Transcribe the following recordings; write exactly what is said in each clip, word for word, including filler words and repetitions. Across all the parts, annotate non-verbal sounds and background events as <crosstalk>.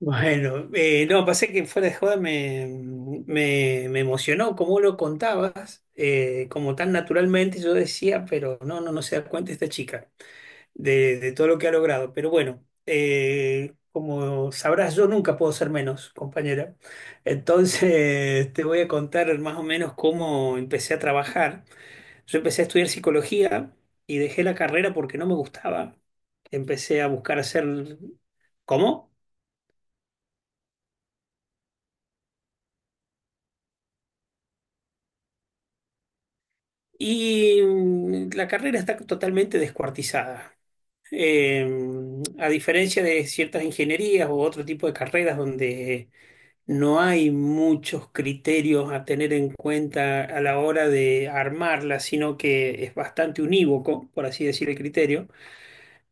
Bueno, eh, no, pasé que fuera de joda me, me, me emocionó cómo lo contabas, eh, como tan naturalmente yo decía, pero no, no, no se da cuenta esta chica de, de todo lo que ha logrado. Pero bueno, eh, como sabrás, yo nunca puedo ser menos, compañera. Entonces te voy a contar más o menos cómo empecé a trabajar. Yo empecé a estudiar psicología y dejé la carrera porque no me gustaba. Empecé a buscar hacer... ¿Cómo? Y mm, la carrera está totalmente descuartizada. Eh, a diferencia de ciertas ingenierías u otro tipo de carreras donde no hay muchos criterios a tener en cuenta a la hora de armarla, sino que es bastante unívoco, por así decir, el criterio.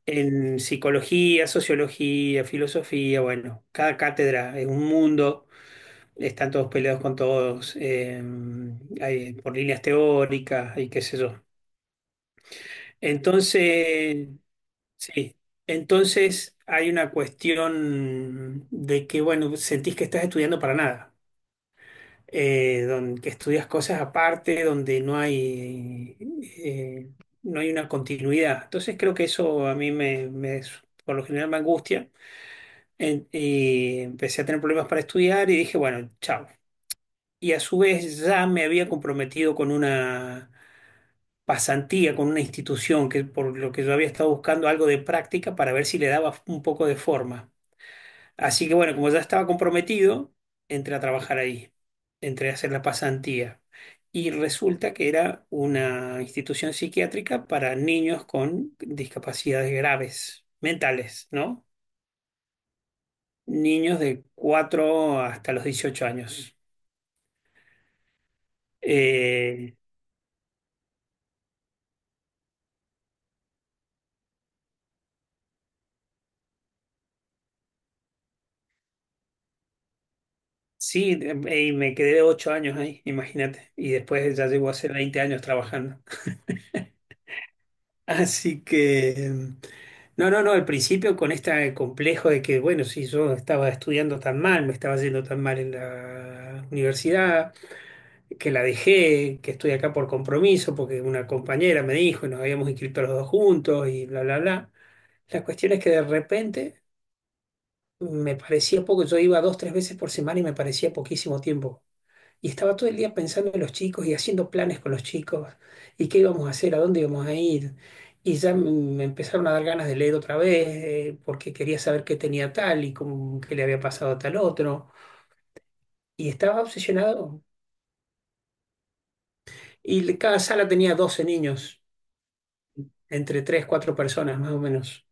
En psicología, sociología, filosofía, bueno, cada cátedra es un mundo, están todos peleados con todos, eh, hay por líneas teóricas y qué sé yo. Entonces, sí, entonces hay una cuestión de que, bueno, sentís que estás estudiando para nada, eh, don- que estudias cosas aparte, donde no hay, eh, no hay una continuidad. Entonces creo que eso a mí me, me- por lo general me angustia en- y empecé a tener problemas para estudiar y dije, bueno, chao. Y a su vez ya me había comprometido con una pasantía con una institución, que por lo que yo había estado buscando algo de práctica para ver si le daba un poco de forma. Así que bueno, como ya estaba comprometido, entré a trabajar ahí, entré a hacer la pasantía. Y resulta que era una institución psiquiátrica para niños con discapacidades graves, mentales, ¿no? Niños de cuatro hasta los dieciocho años. Eh, sí, eh, y me quedé ocho años ahí, imagínate. Y después ya llevo hace veinte años trabajando. Así que, mm, no, no, no, al principio con este complejo de que, bueno, si yo estaba estudiando tan mal, me estaba yendo tan mal en la universidad, que la dejé, que estoy acá por compromiso, porque una compañera me dijo y nos habíamos inscrito los dos juntos y bla, bla, bla. La cuestión es que de repente me parecía poco, yo iba dos, tres veces por semana y me parecía poquísimo tiempo. Y estaba todo el día pensando en los chicos y haciendo planes con los chicos y qué íbamos a hacer, a dónde íbamos a ir. Y ya m- Me empezaron a dar ganas de leer otra vez, eh, porque quería saber qué tenía tal y cómo, qué le había pasado a tal otro. Y estaba obsesionado. Y le- cada sala tenía doce niños, entre tres cuatro personas más o menos.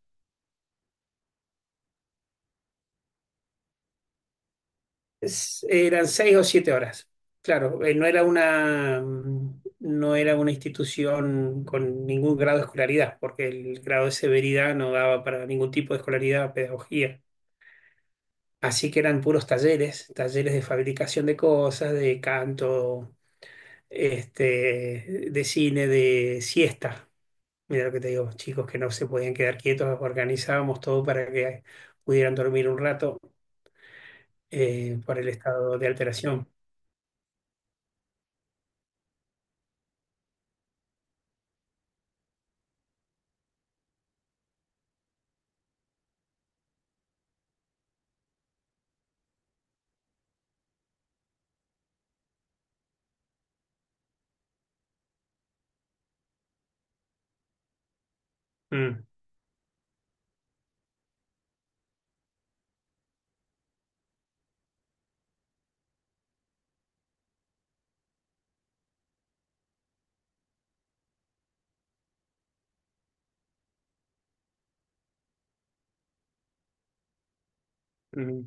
Es- Eran seis o siete horas. Claro, eh, no era una, mm, no era una institución con ningún grado de escolaridad, porque el grado de severidad no daba para ningún tipo de escolaridad, pedagogía. Así que eran puros talleres, talleres de fabricación de cosas, de canto, este, de cine, de siesta. Mira lo que te digo, chicos que no se podían quedar quietos, organizábamos todo para que pudieran dormir un rato, eh, por el estado de alteración. Mm, mm.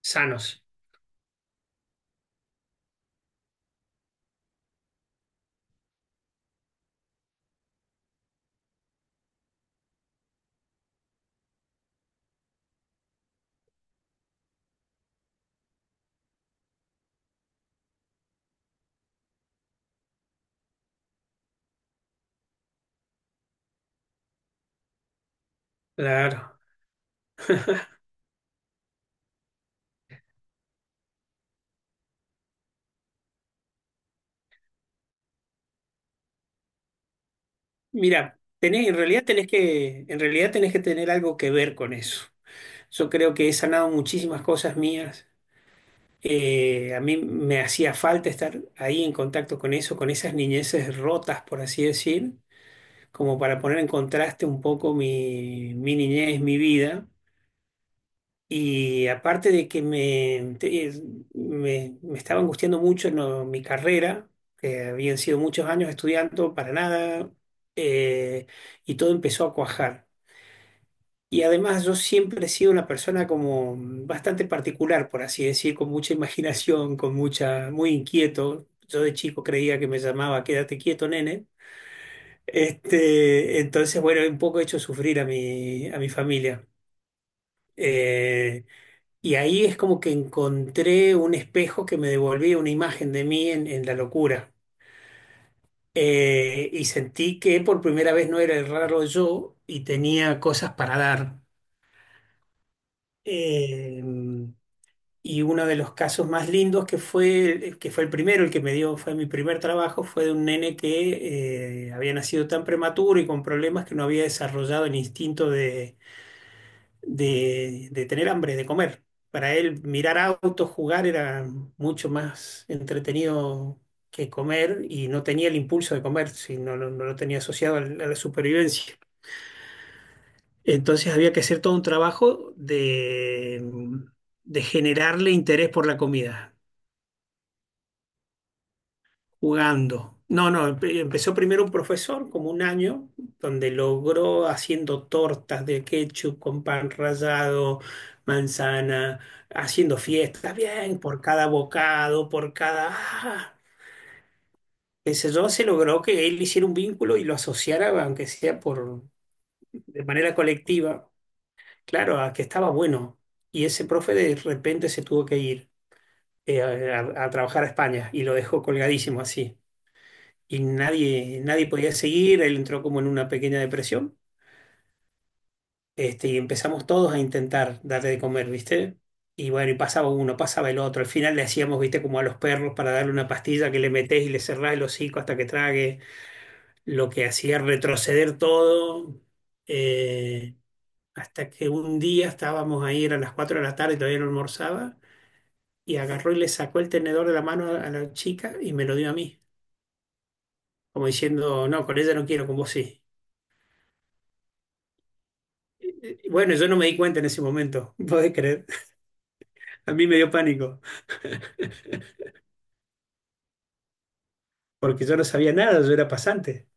Sanos, claro. Mira, tenés, en realidad tenés que, en realidad tenés que tener algo que ver con eso. Yo creo que he sanado muchísimas cosas mías. Eh, a mí me hacía falta estar ahí en contacto con eso, con esas niñeces rotas, por así decir, como para poner en contraste un poco mi, mi niñez, mi vida. Y aparte de que me, te- es- me, me estaba angustiando mucho, no, mi carrera, que habían sido muchos años estudiando para nada, eh, y todo empezó a cuajar. Y además yo siempre he sido una persona como bastante particular, por así decir, con mucha imaginación, con mucha, muy inquieto. Yo de chico creía que me llamaba Quédate quieto, nene. Este, entonces, bueno, un poco he hecho sufrir a mi, a mi familia. Eh, Y ahí es como que encontré un espejo que me devolvía una imagen de mí en, en la locura. Eh, y sentí que por primera vez no era el raro yo y tenía cosas para dar. Eh, y uno de los casos más lindos que fue, que fue el primero, el que me dio, fue mi primer trabajo, fue de un nene que eh, había nacido tan prematuro y con problemas que no había desarrollado el instinto de de, de tener hambre, de comer. Para él mirar autos, jugar era mucho más entretenido que comer, y no tenía el impulso de comer, si no, lo no lo tenía asociado al- a la supervivencia. Entonces había que hacer todo un trabajo de, de, generarle interés por la comida. Jugando. No, no, empe- empezó primero un profesor, como un año, donde logró haciendo tortas de ketchup con pan rallado, manzana, haciendo fiestas, bien, por cada bocado, por cada... ¡ah, qué sé yo! Se logró que él hiciera un vínculo y lo asociara, aunque sea por, de manera colectiva, claro, a que estaba bueno. Y ese profe de repente se tuvo que ir, eh, a, a- a trabajar a España, y lo dejó colgadísimo así. Y nadie, nadie podía seguir, él entró como en una pequeña depresión, este, y empezamos todos a intentar darle de comer, ¿viste? Y bueno, y pasaba uno, pasaba el otro, al final le hacíamos, ¿viste?, como a los perros para darle una pastilla, que le metés y le cerrás el hocico hasta que trague, lo que hacía retroceder todo, eh, hasta que un día estábamos ahí, eran las cuatro de la tarde, y todavía no almorzaba, y agarró y le sacó el tenedor de la mano a a la chica y me lo dio a mí, como diciendo, no, con ella no quiero, con vos sí. Bueno, yo no me di cuenta en ese momento, ¿podés creer? <laughs> A mí me dio pánico, porque yo no sabía nada, yo era pasante.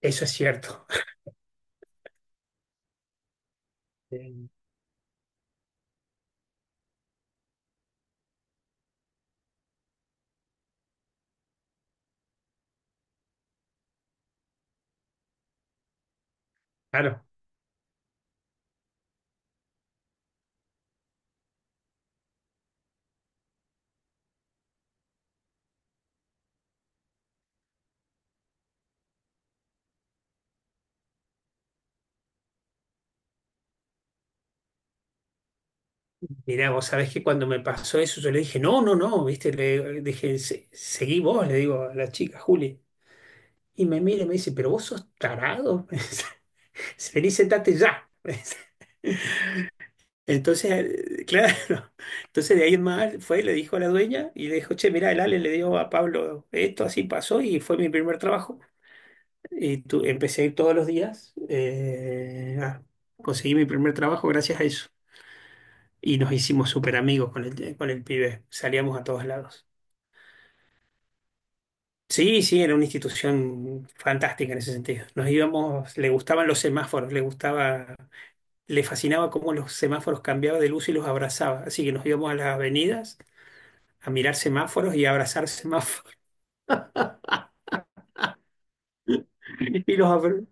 Eso es cierto. Eh, Claro, mirá, vos sabés que cuando me pasó eso, yo le dije, no, no, no, viste, le dije, "Se- seguí vos", le digo a la chica, Juli. Y me mira y me dice, pero vos sos tarado. <laughs> Vení, sentate ya. <laughs> Entonces, <laughs> claro, entonces de ahí en más fue, y le dijo a la dueña y le dijo, che, mirá, el Ale le dio a Pablo esto, así pasó y fue mi primer trabajo. Y tu- empecé a ir todos los días, eh, ah, conseguí mi primer trabajo gracias a eso. Y nos hicimos súper amigos con el, con el pibe, salíamos a todos lados. Sí, sí, era una institución fantástica en ese sentido. Nos íbamos, le gustaban los semáforos, le gustaba, le fascinaba cómo los semáforos cambiaban de luz y los abrazaba. Así que nos íbamos a las avenidas a mirar semáforos y a abrazar semáforos. <laughs> Y los abra-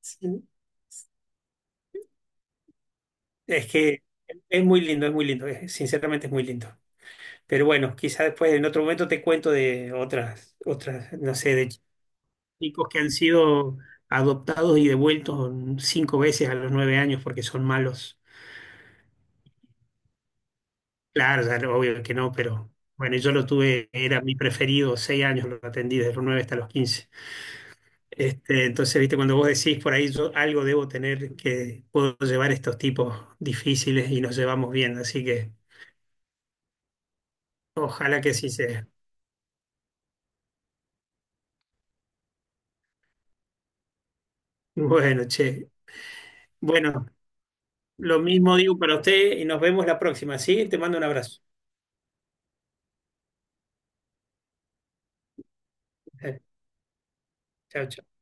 Sí. Es que es muy lindo, es muy lindo, es- sinceramente es muy lindo. Pero bueno, quizás después en otro momento te cuento de otras, otras, no sé, de chicos que han sido adoptados y devueltos cinco veces a los nueve años porque son malos. Claro, ya no, obvio que no, pero bueno, yo lo tuve, era mi preferido, seis años lo atendí desde los nueve hasta los quince. Este, entonces, viste, cuando vos decís por ahí, yo algo debo tener que puedo llevar estos tipos difíciles y nos llevamos bien, así que ojalá que sí sea. Bueno, che. Bueno, lo mismo digo para usted y nos vemos la próxima, ¿sí? Te mando un abrazo. Eh, Chao, chao.